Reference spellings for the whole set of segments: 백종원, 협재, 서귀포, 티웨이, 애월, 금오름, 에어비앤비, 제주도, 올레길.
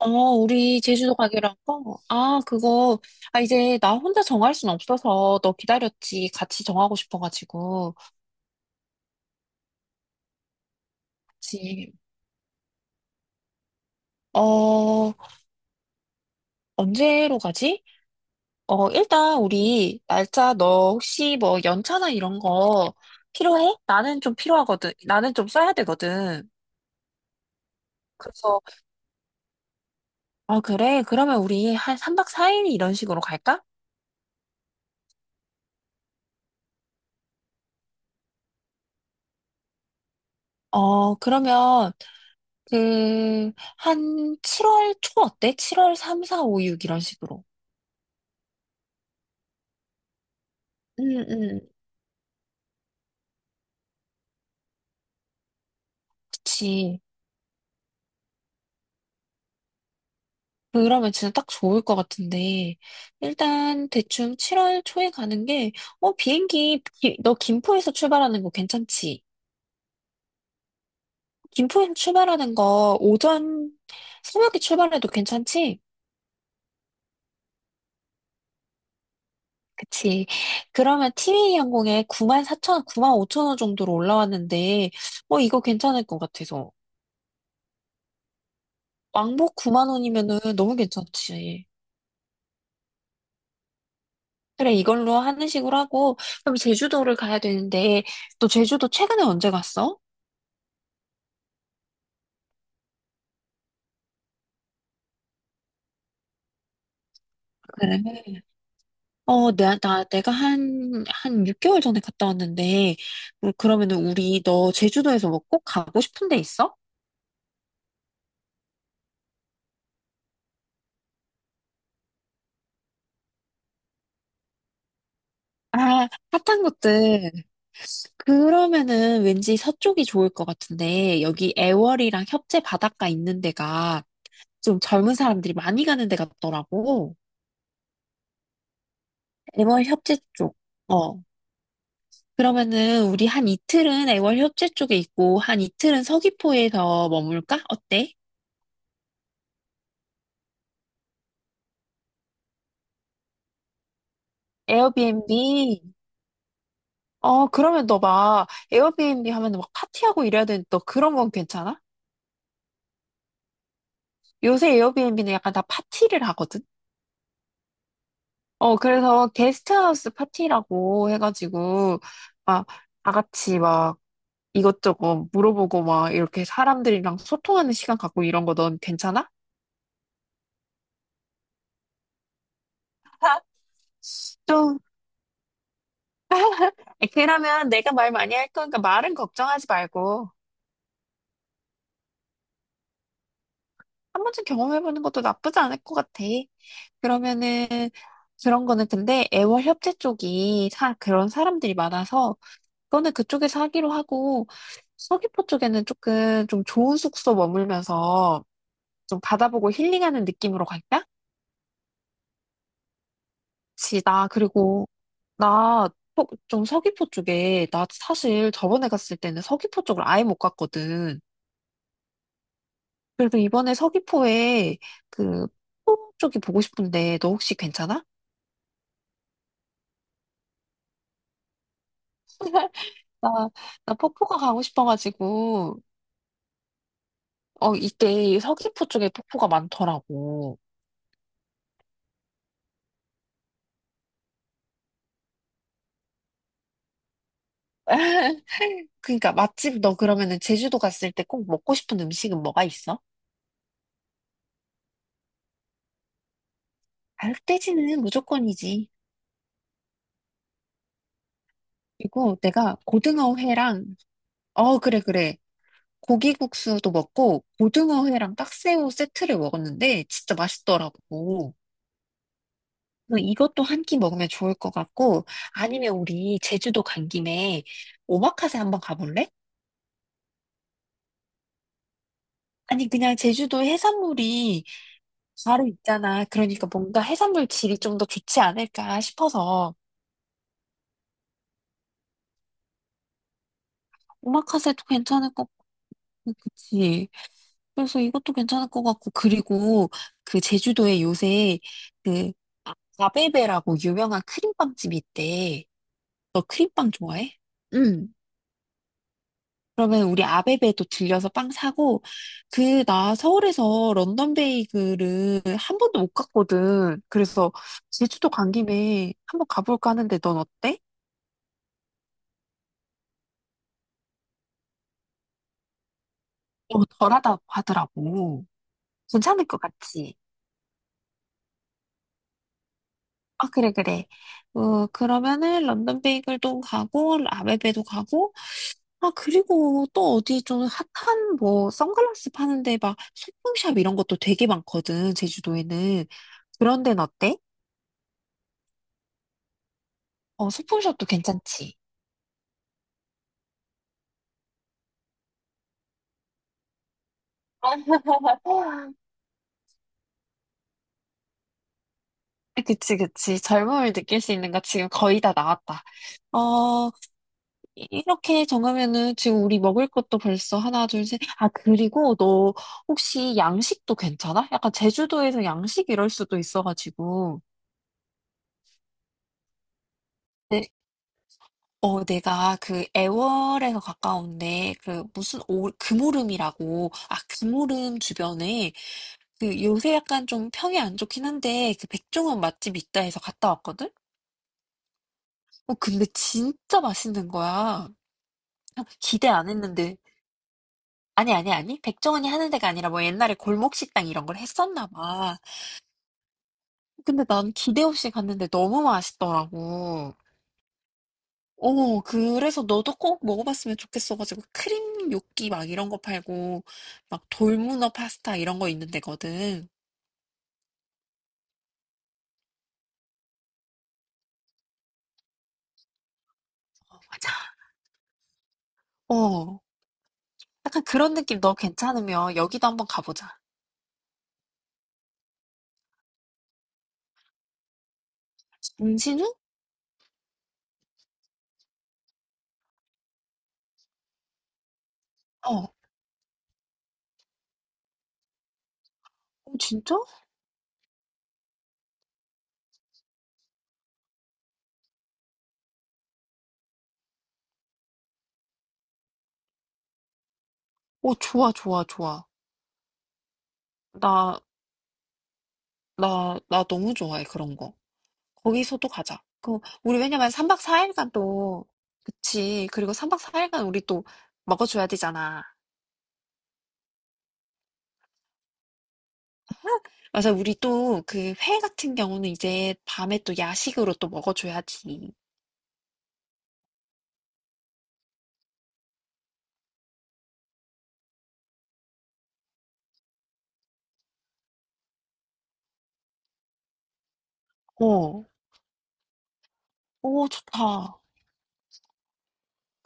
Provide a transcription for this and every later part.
우리 제주도 가기라고? 아, 그거, 아, 이제 나 혼자 정할 순 없어서 너 기다렸지. 같이 정하고 싶어가지고. 그치. 어, 언제로 가지? 일단 우리 날짜 너 혹시 뭐 연차나 이런 거 필요해? 나는 좀 필요하거든. 나는 좀 써야 되거든. 그래서, 아, 그래? 그러면 우리 한 3박 4일 이런 식으로 갈까? 그러면, 그, 한 7월 초 어때? 7월 3, 4, 5, 6 이런 식으로. 응, 응, 그치. 그러면 진짜 딱 좋을 것 같은데. 일단 대충 7월 초에 가는 게, 비행기, 너 김포에서 출발하는 거 괜찮지? 김포에서 출발하는 거 오전 새벽에 출발해도 괜찮지? 그치. 그러면 티웨이 항공에 9 4천0원 9 5천원 정도로 올라왔는데, 이거 괜찮을 것 같아서. 왕복 9만 원이면은 너무 괜찮지. 그래, 이걸로 하는 식으로 하고, 그럼 제주도를 가야 되는데, 너 제주도 최근에 언제 갔어? 그래. 내가 한 6개월 전에 갔다 왔는데, 그러면은 우리 너 제주도에서 뭐 꼭 가고 싶은 데 있어? 아, 핫한 곳들. 그러면은 왠지 서쪽이 좋을 것 같은데, 여기 애월이랑 협재 바닷가 있는 데가 좀 젊은 사람들이 많이 가는 데 같더라고. 애월 협재 쪽. 어. 그러면은 우리 한 이틀은 애월 협재 쪽에 있고 한 이틀은 서귀포에서 머물까? 어때? 에어비앤비. 그러면 너 막 에어비앤비 하면 막 파티하고 이래야 되는데 너 그런 건 괜찮아? 요새 에어비앤비는 약간 다 파티를 하거든? 그래서 게스트하우스 파티라고 해가지고 막 다 같이 막 이것저것 물어보고 막 이렇게 사람들이랑 소통하는 시간 갖고 이런 거 넌 괜찮아? 좀 그러면 내가 말 많이 할 거니까 말은 걱정하지 말고 한 번쯤 경험해보는 것도 나쁘지 않을 것 같아. 그러면은 그런 거는 근데 애월 협재 쪽이 그런 사람들이 많아서 그거는 그쪽에서 하기로 하고 서귀포 쪽에는 조금 좀 좋은 숙소 머물면서 좀 바다보고 힐링하는 느낌으로 갈까? 그치, 나 그리고 나 좀 서귀포 쪽에 나 사실 저번에 갔을 때는 서귀포 쪽을 아예 못 갔거든. 그래서 이번에 서귀포에 그 폭포 쪽이 보고 싶은데 너 혹시 괜찮아? 나, 나 폭포가 가고 싶어가지고 이때 서귀포 쪽에 폭포가 많더라고. 그러니까 맛집 너 그러면은 제주도 갔을 때 꼭 먹고 싶은 음식은 뭐가 있어? 알뜰지는 무조건이지. 그리고 내가 고등어회랑 어 그래 그래 고기국수도 먹고 고등어회랑 딱새우 세트를 먹었는데 진짜 맛있더라고. 뭐 이것도 한 끼 먹으면 좋을 것 같고, 아니면 우리 제주도 간 김에 오마카세 한번 가볼래? 아니, 그냥 제주도 해산물이 바로 있잖아. 그러니까 뭔가 해산물 질이 좀 더 좋지 않을까 싶어서. 오마카세도 괜찮을 것 같고, 그치? 그래서 이것도 괜찮을 것 같고, 그리고 그 제주도에 요새 그 아베베라고 유명한 크림빵집이 있대. 너 크림빵 좋아해? 응. 그러면 우리 아베베도 들려서 빵 사고, 그, 나 서울에서 런던 베이글을 한 번도 못 갔거든. 그래서 제주도 간 김에 한번 가볼까 하는데 넌 어때? 어, 덜하다고 하더라고. 괜찮을 것 같지? 아, 그래, 그래. 그러면은 런던 베이글도 가고, 아베베도 가고, 아, 그리고 또 어디 좀 핫한 뭐 선글라스 파는데 막 소품샵 이런 것도 되게 많거든, 제주도에는. 그런 데는 어때? 어, 소품샵도 괜찮지. 그치, 그치. 젊음을 느낄 수 있는 거 지금 거의 다 나왔다. 어, 이- 렇게 정하면은 지금 우리 먹을 것도 벌써 하나, 둘, 셋. 아, 그리고 너 혹시 양식도 괜찮아? 약간 제주도에서 양식 이럴 수도 있어가지고. 네, 내가 그 애월에서 가까운데 그 무슨 금오름이라고. 아, 금오름 주변에 그 요새 약간 좀 평이 안 좋긴 한데 그 백종원 맛집 있다 해서 갔다 왔거든? 근데 진짜 맛있는 거야. 아, 기대 안 했는데. 아니, 아니, 아니. 백종원이 하는 데가 아니라 뭐 옛날에 골목식당 이런 걸 했었나 봐. 근데 난 기대 없이 갔는데 너무 맛있더라고. 그래서 너도 꼭 먹어봤으면 좋겠어가지고 크림 요끼 막 이런 거 팔고 막 돌문어 파스타 이런 거 있는 데거든. 맞아. 어, 약간 그런 느낌 너 괜찮으면 여기도 한번 가보자. 임신우? 어, 어, 진짜? 어, 좋아, 좋아, 좋아. 나 나 너무 좋아해, 그런 거. 거기서도 가자. 그, 우리 왜냐면 3박 4일간 또, 그치. 그리고 3박 4일간 우리 또 먹어줘야 되잖아. 맞아, 우리 또 그 회 같은 경우는 이제 밤에 또 야식으로 또 먹어줘야지. 어, 오, 좋다.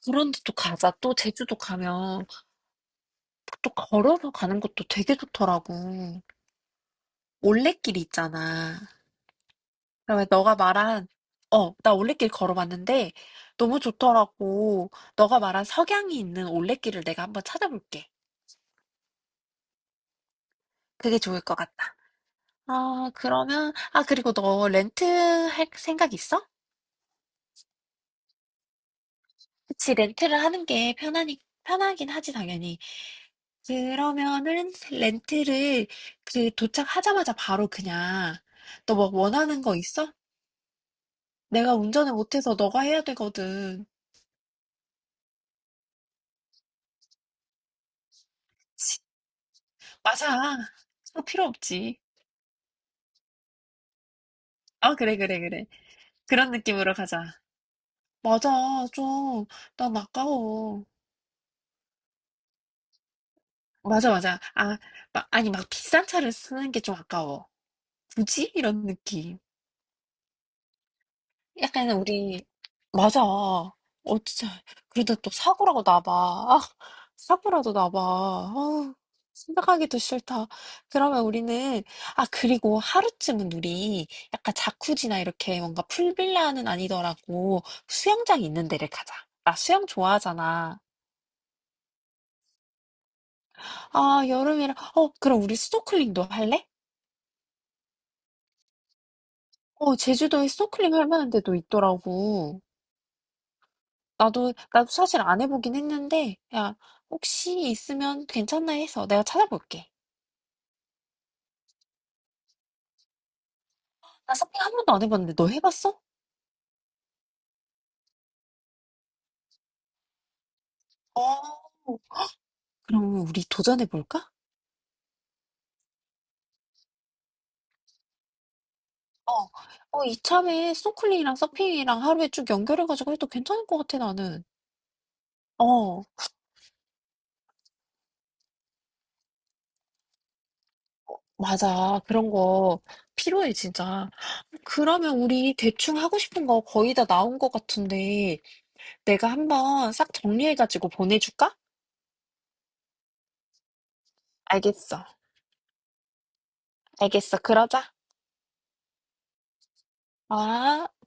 그런데 또 가자. 또 제주도 가면 또 걸어서 가는 것도 되게 좋더라고. 올레길 있잖아. 그러면 너가 말한 나 올레길 걸어봤는데 너무 좋더라고. 너가 말한 석양이 있는 올레길을 내가 한번 찾아볼게. 그게 좋을 것 같다. 아, 그러면 아, 그리고 너 렌트 할 생각 있어? 그치, 렌트를 하는 게 편하니 편하긴 하지 당연히. 그러면은 렌트를 그 도착하자마자 바로 그냥 너 뭐 원하는 거 있어? 내가 운전을 못해서 너가 해야 되거든. 맞아. 그거 필요 없지. 아, 그래, 그래, 그래. 그런 느낌으로 가자. 맞아, 좀, 난 아까워. 맞아, 맞아. 아, 막, 아니, 막 비싼 차를 쓰는 게 좀 아까워. 굳이? 이런 느낌. 약간 우리, 맞아. 어, 진짜. 그러다 또 사고라고 나봐. 아, 사고라도 나봐. 아, 생각하기도 싫다. 그러면 우리는, 아, 그리고 하루쯤은 우리 약간 자쿠지나 이렇게 뭔가 풀빌라는 아니더라고 수영장 있는 데를 가자. 나 수영 좋아하잖아. 아 여름이라 그럼 우리 스노클링도 할래? 어 제주도에 스노클링 할 만한 데도 있더라고. 나도 사실 안 해보긴 했는데 야 혹시 있으면 괜찮나 해서 내가 찾아볼게. 나 서핑 한 번도 안 해봤는데 너 해봤어? 어 그럼 우리 도전해볼까? 어, 어, 이참에 스노클링이랑 서핑이랑 하루에 쭉 연결해가지고 해도 괜찮을 것 같아, 나는. 어, 맞아. 그런 거 필요해, 진짜. 그러면 우리 대충 하고 싶은 거 거의 다 나온 것 같은데, 내가 한번 싹 정리해가지고 보내줄까? 알겠어. 알겠어. 그러자. 아.